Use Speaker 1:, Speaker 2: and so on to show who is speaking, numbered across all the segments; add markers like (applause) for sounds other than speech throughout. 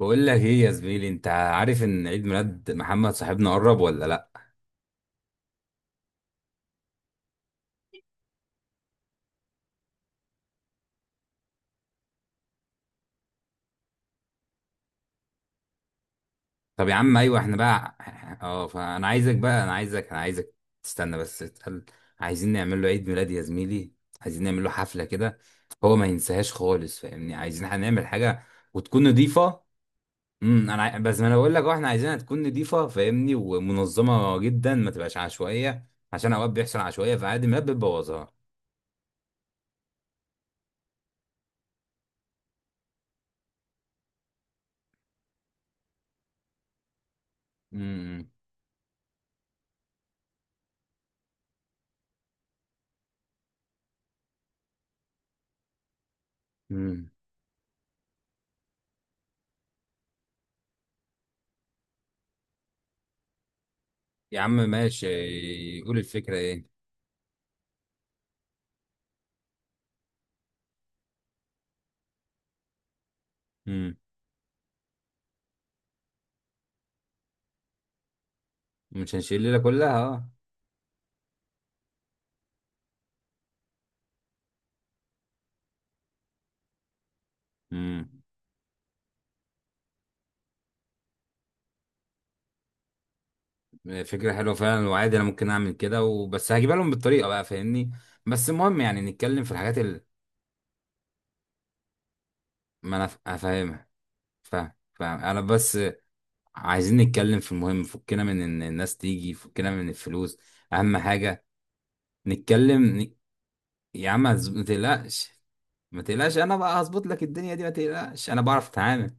Speaker 1: بقول لك ايه يا زميلي؟ انت عارف ان عيد ميلاد محمد صاحبنا قرب ولا لا؟ طب يا عم ايوه احنا بقى. اه فانا عايزك بقى، انا عايزك تستنى بس تقل. عايزين نعمل له عيد ميلاد يا زميلي، عايزين نعمل له حفلة كده، هو ما ينساهاش خالص، فاهمني؟ عايزين هنعمل حاجة وتكون نظيفة. بس ما انا بقول لك احنا عايزينها تكون نظيفة، فاهمني؟ ومنظمة جدا، ما تبقاش عشوائية، عشان اوقات بيحصل عشوائية في عيد الميلاد بتبوظها. امم أمم. يا عم ماشي، قول الفكرة ايه؟ امم مش هنشيل الليله كلها، اه. امم فكره حلوه فعلا، وعادي انا ممكن اعمل كده، وبس هجيبها لهم بالطريقه بقى فاهمني. بس المهم يعني نتكلم في الحاجات اللي ما انا ف- فاهمها. فاهم انا بس عايزين نتكلم في المهم، فكنا من ان الناس تيجي، فكنا من الفلوس، اهم حاجه. نتكلم ن... يا عم ما تقلقش، ما تقلقش، انا بقى هظبط لك الدنيا دي، ما تقلقش انا بعرف اتعامل.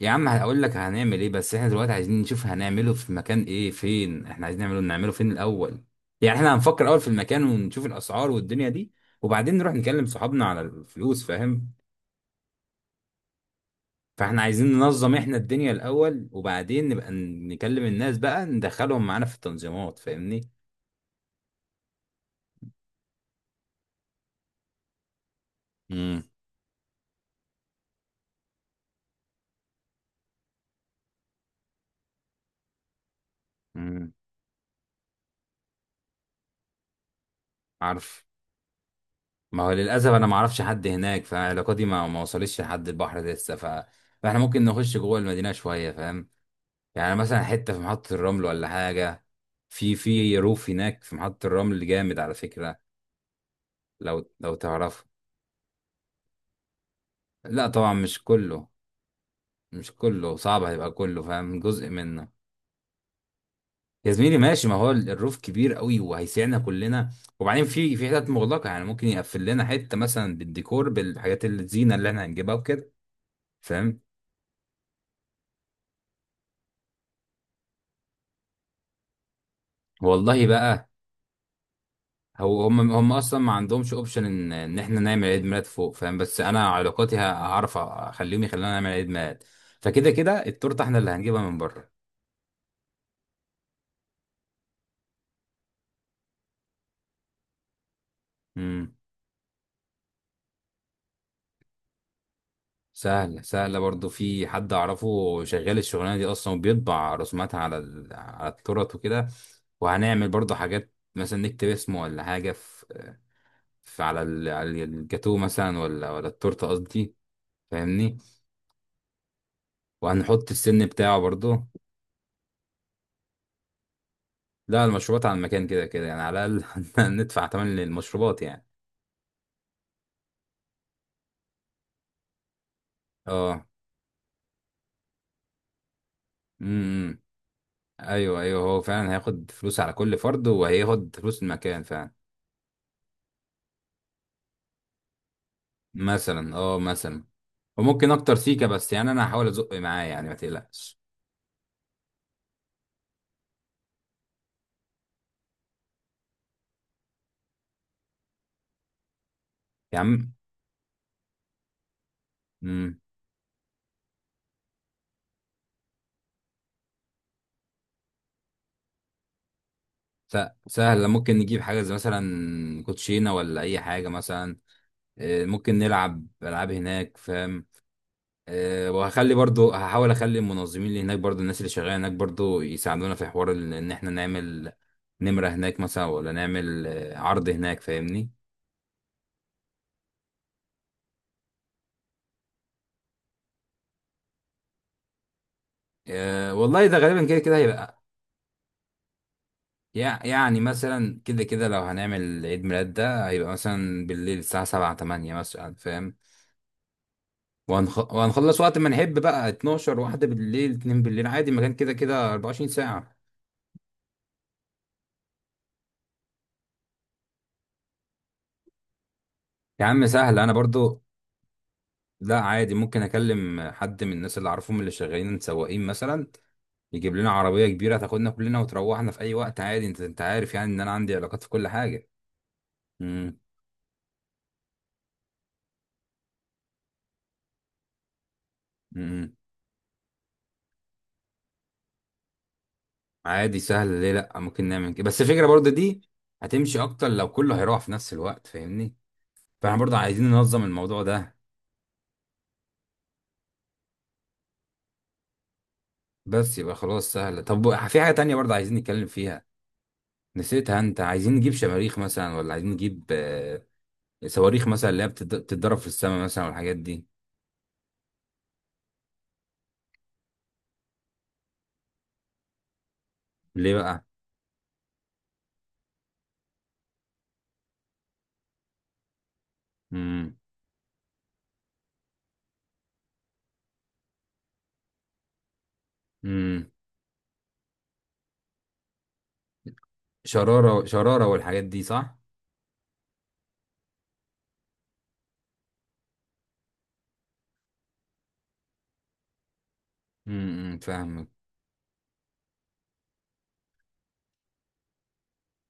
Speaker 1: يا عم هقول لك هنعمل ايه، بس احنا دلوقتي عايزين نشوف هنعمله في مكان ايه، فين احنا عايزين نعمله فين الاول؟ يعني احنا هنفكر الاول في المكان ونشوف الاسعار والدنيا دي، وبعدين نروح نكلم صحابنا على الفلوس فاهم. فاحنا عايزين ننظم احنا الدنيا الاول، وبعدين نبقى نكلم الناس بقى، ندخلهم معانا في التنظيمات فاهمني. امم امم عارف. ما هو للاسف انا ما اعرفش حد هناك، فعلاقاتي ما وصلتش لحد البحر ده لسه. فاحنا ممكن نخش جوه المدينة شوية فاهم، يعني مثلا حتة في محطة الرمل ولا حاجة. في روف هناك في محطة الرمل جامد على فكرة. لو تعرفه. لا طبعا مش كله، مش كله، صعب هيبقى كله فاهم، جزء منه. يا زميلي ماشي، ما هو الروف كبير قوي، وهيسعنا كلنا. وبعدين في حتت مغلقة، يعني ممكن يقفل لنا حتة مثلا بالديكور، بالحاجات الزينة اللي احنا هنجيبها وكده فاهم. والله بقى، هو هم اصلا ما عندهمش اوبشن ان احنا نعمل عيد ميلاد فوق فاهم، بس انا علاقاتي هعرف اخليهم يخلونا نعمل عيد ميلاد. فكده كده التورته احنا اللي هنجيبها من بره. امم سهله برضو، في حد اعرفه شغال الشغلانه دي اصلا، وبيطبع رسوماتها على التورت وكده. وهنعمل برضو حاجات، مثلا نكتب اسمه ولا حاجه في، في على الجاتوه مثلا، ولا التورته قصدي فاهمني. وهنحط السن بتاعه برضو. لا المشروبات على المكان كده كده يعني، على الاقل (laughs) ندفع تمن للمشروبات يعني. اه. إمم. ايوه ايوه، هو فعلا هياخد فلوس على كل فرد، وهياخد فلوس المكان فعلا. مثلا اه، مثلا. وممكن اكتر سيكه، بس يعني انا هحاول ازق معاه يعني، ما تقلقش. يا عم امم سهل، ممكن نجيب حاجه زي مثلا كوتشينه ولا اي حاجه مثلا. ممكن نلعب العاب هناك فاهم. وهخلي برضو، هحاول اخلي المنظمين اللي هناك برضو، الناس اللي شغاله هناك برضو، يساعدونا في حوار ان احنا نعمل نمره هناك مثلا، ولا نعمل عرض هناك فاهمني. أه والله، ده غالبا كده كده هيبقى. يعني مثلا كده كده لو هنعمل عيد ميلاد ده، هيبقى مثلا بالليل الساعه 7 8 مثلا فاهم. وهنخلص وقت ما نحب بقى، 12 واحدة بالليل، 2 بالليل عادي، المكان كده كده 24 ساعة. يا عم سهل انا برضو. لا عادي، ممكن اكلم حد من الناس اللي اعرفهم اللي شغالين سواقين مثلا، يجيب لنا عربية كبيرة تاخدنا كلنا وتروحنا في اي وقت عادي. انت عارف يعني ان انا عندي علاقات في كل حاجة. امم امم عادي سهل، ليه لا، ممكن نعمل كده، بس الفكرة برضه دي هتمشي اكتر لو كله هيروح في نفس الوقت فاهمني. فاحنا برضه عايزين ننظم الموضوع ده. بس يبقى خلاص سهل. طب في حاجة تانية برضه عايزين نتكلم فيها نسيتها، انت عايزين نجيب شماريخ مثلا، ولا عايزين نجيب صواريخ مثلا، اللي هي بتتضرب في السماء مثلا والحاجات دي. ليه بقى؟ امم امم شرارة شرارة والحاجات دي صح؟ فاهمك.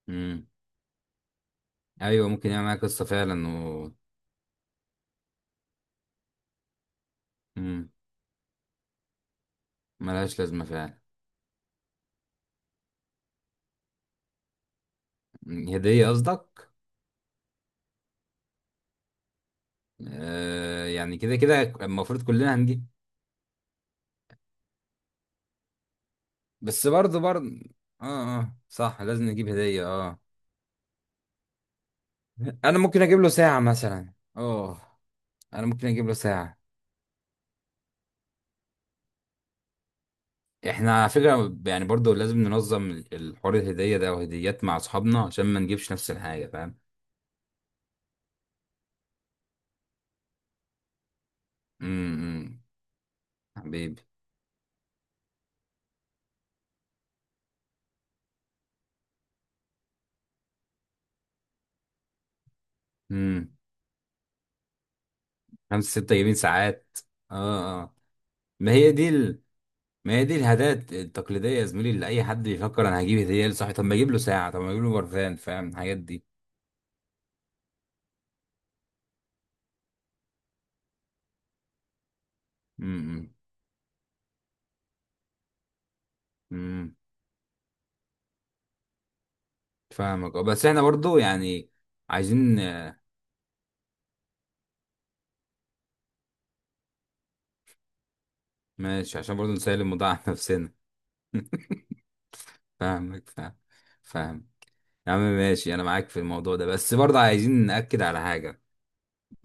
Speaker 1: امم ايوه ممكن يعمل معايا قصة فعلا. و امم ملهاش لازمة فعلا. هدية قصدك؟ آه يعني كده كده المفروض كلنا هنجيب. بس برضه برضه اه اه صح، لازم نجيب هدية اه. انا ممكن اجيب له ساعة مثلا اه، انا ممكن اجيب له ساعة. احنا على فكرة يعني، برضه لازم ننظم الحوار، الهدية ده وهديات مع اصحابنا عشان ما نجيبش نفس الحاجة فاهم؟ امم حبيبي. امم خمس ست جايبين ساعات. اه اه. ما هي دي ال... ما هي دي الهدايا التقليديه يا زميلي، اللي اي حد بيفكر انا هجيب هديه لصاحبي، طب ما اجيب له ساعه، طب ما اجيب له برفان فاهم، الحاجات دي. امم امم فاهمك اه، بس احنا برضو يعني عايزين ماشي، عشان برضو نسلم الموضوع (laughs) على نفسنا. فاهمك فاهم. يا عم ماشي انا معاك في الموضوع ده، بس برضه عايزين ناكد على حاجه،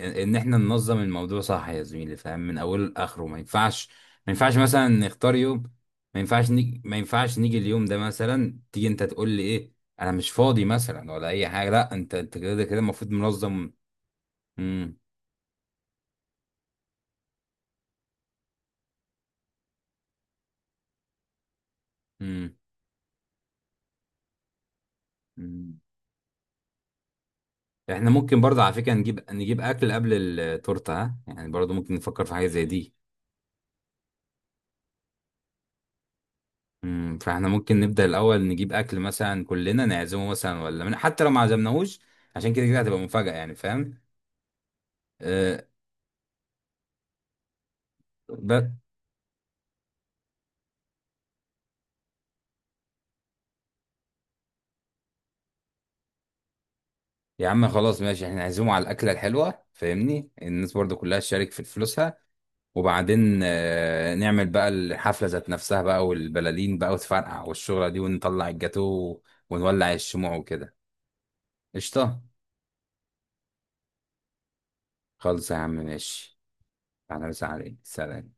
Speaker 1: ان احنا ننظم الموضوع صح يا زميلي فاهم، من اوله لاخره. ما ينفعش، ما ينفعش مثلا نختار يوم. ما ينفعش نيجي اليوم ده مثلا، تيجي انت تقول لي ايه انا مش فاضي مثلا ولا اي حاجه، لا انت كده كده المفروض منظم. امم امم أمم. احنا ممكن برضه على فكره نجيب اكل قبل التورته، ها يعني برضه ممكن نفكر في حاجه زي دي. فاحنا ممكن نبدا الاول نجيب اكل مثلا، كلنا نعزمه مثلا، ولا من حتى لو ما عزمناهوش، عشان كده كده هتبقى مفاجاه يعني فاهم. أه. ب- يا عم خلاص ماشي، احنا نعزمه على الأكلة الحلوة فاهمني، الناس برضو كلها تشارك في فلوسها، وبعدين نعمل بقى الحفلة ذات نفسها بقى، والبلالين بقى وتفرقع والشغلة دي، ونطلع الجاتو ونولع الشموع وكده. قشطة. خالص يا عم ماشي. أهلا وسهلا عليك، سلام.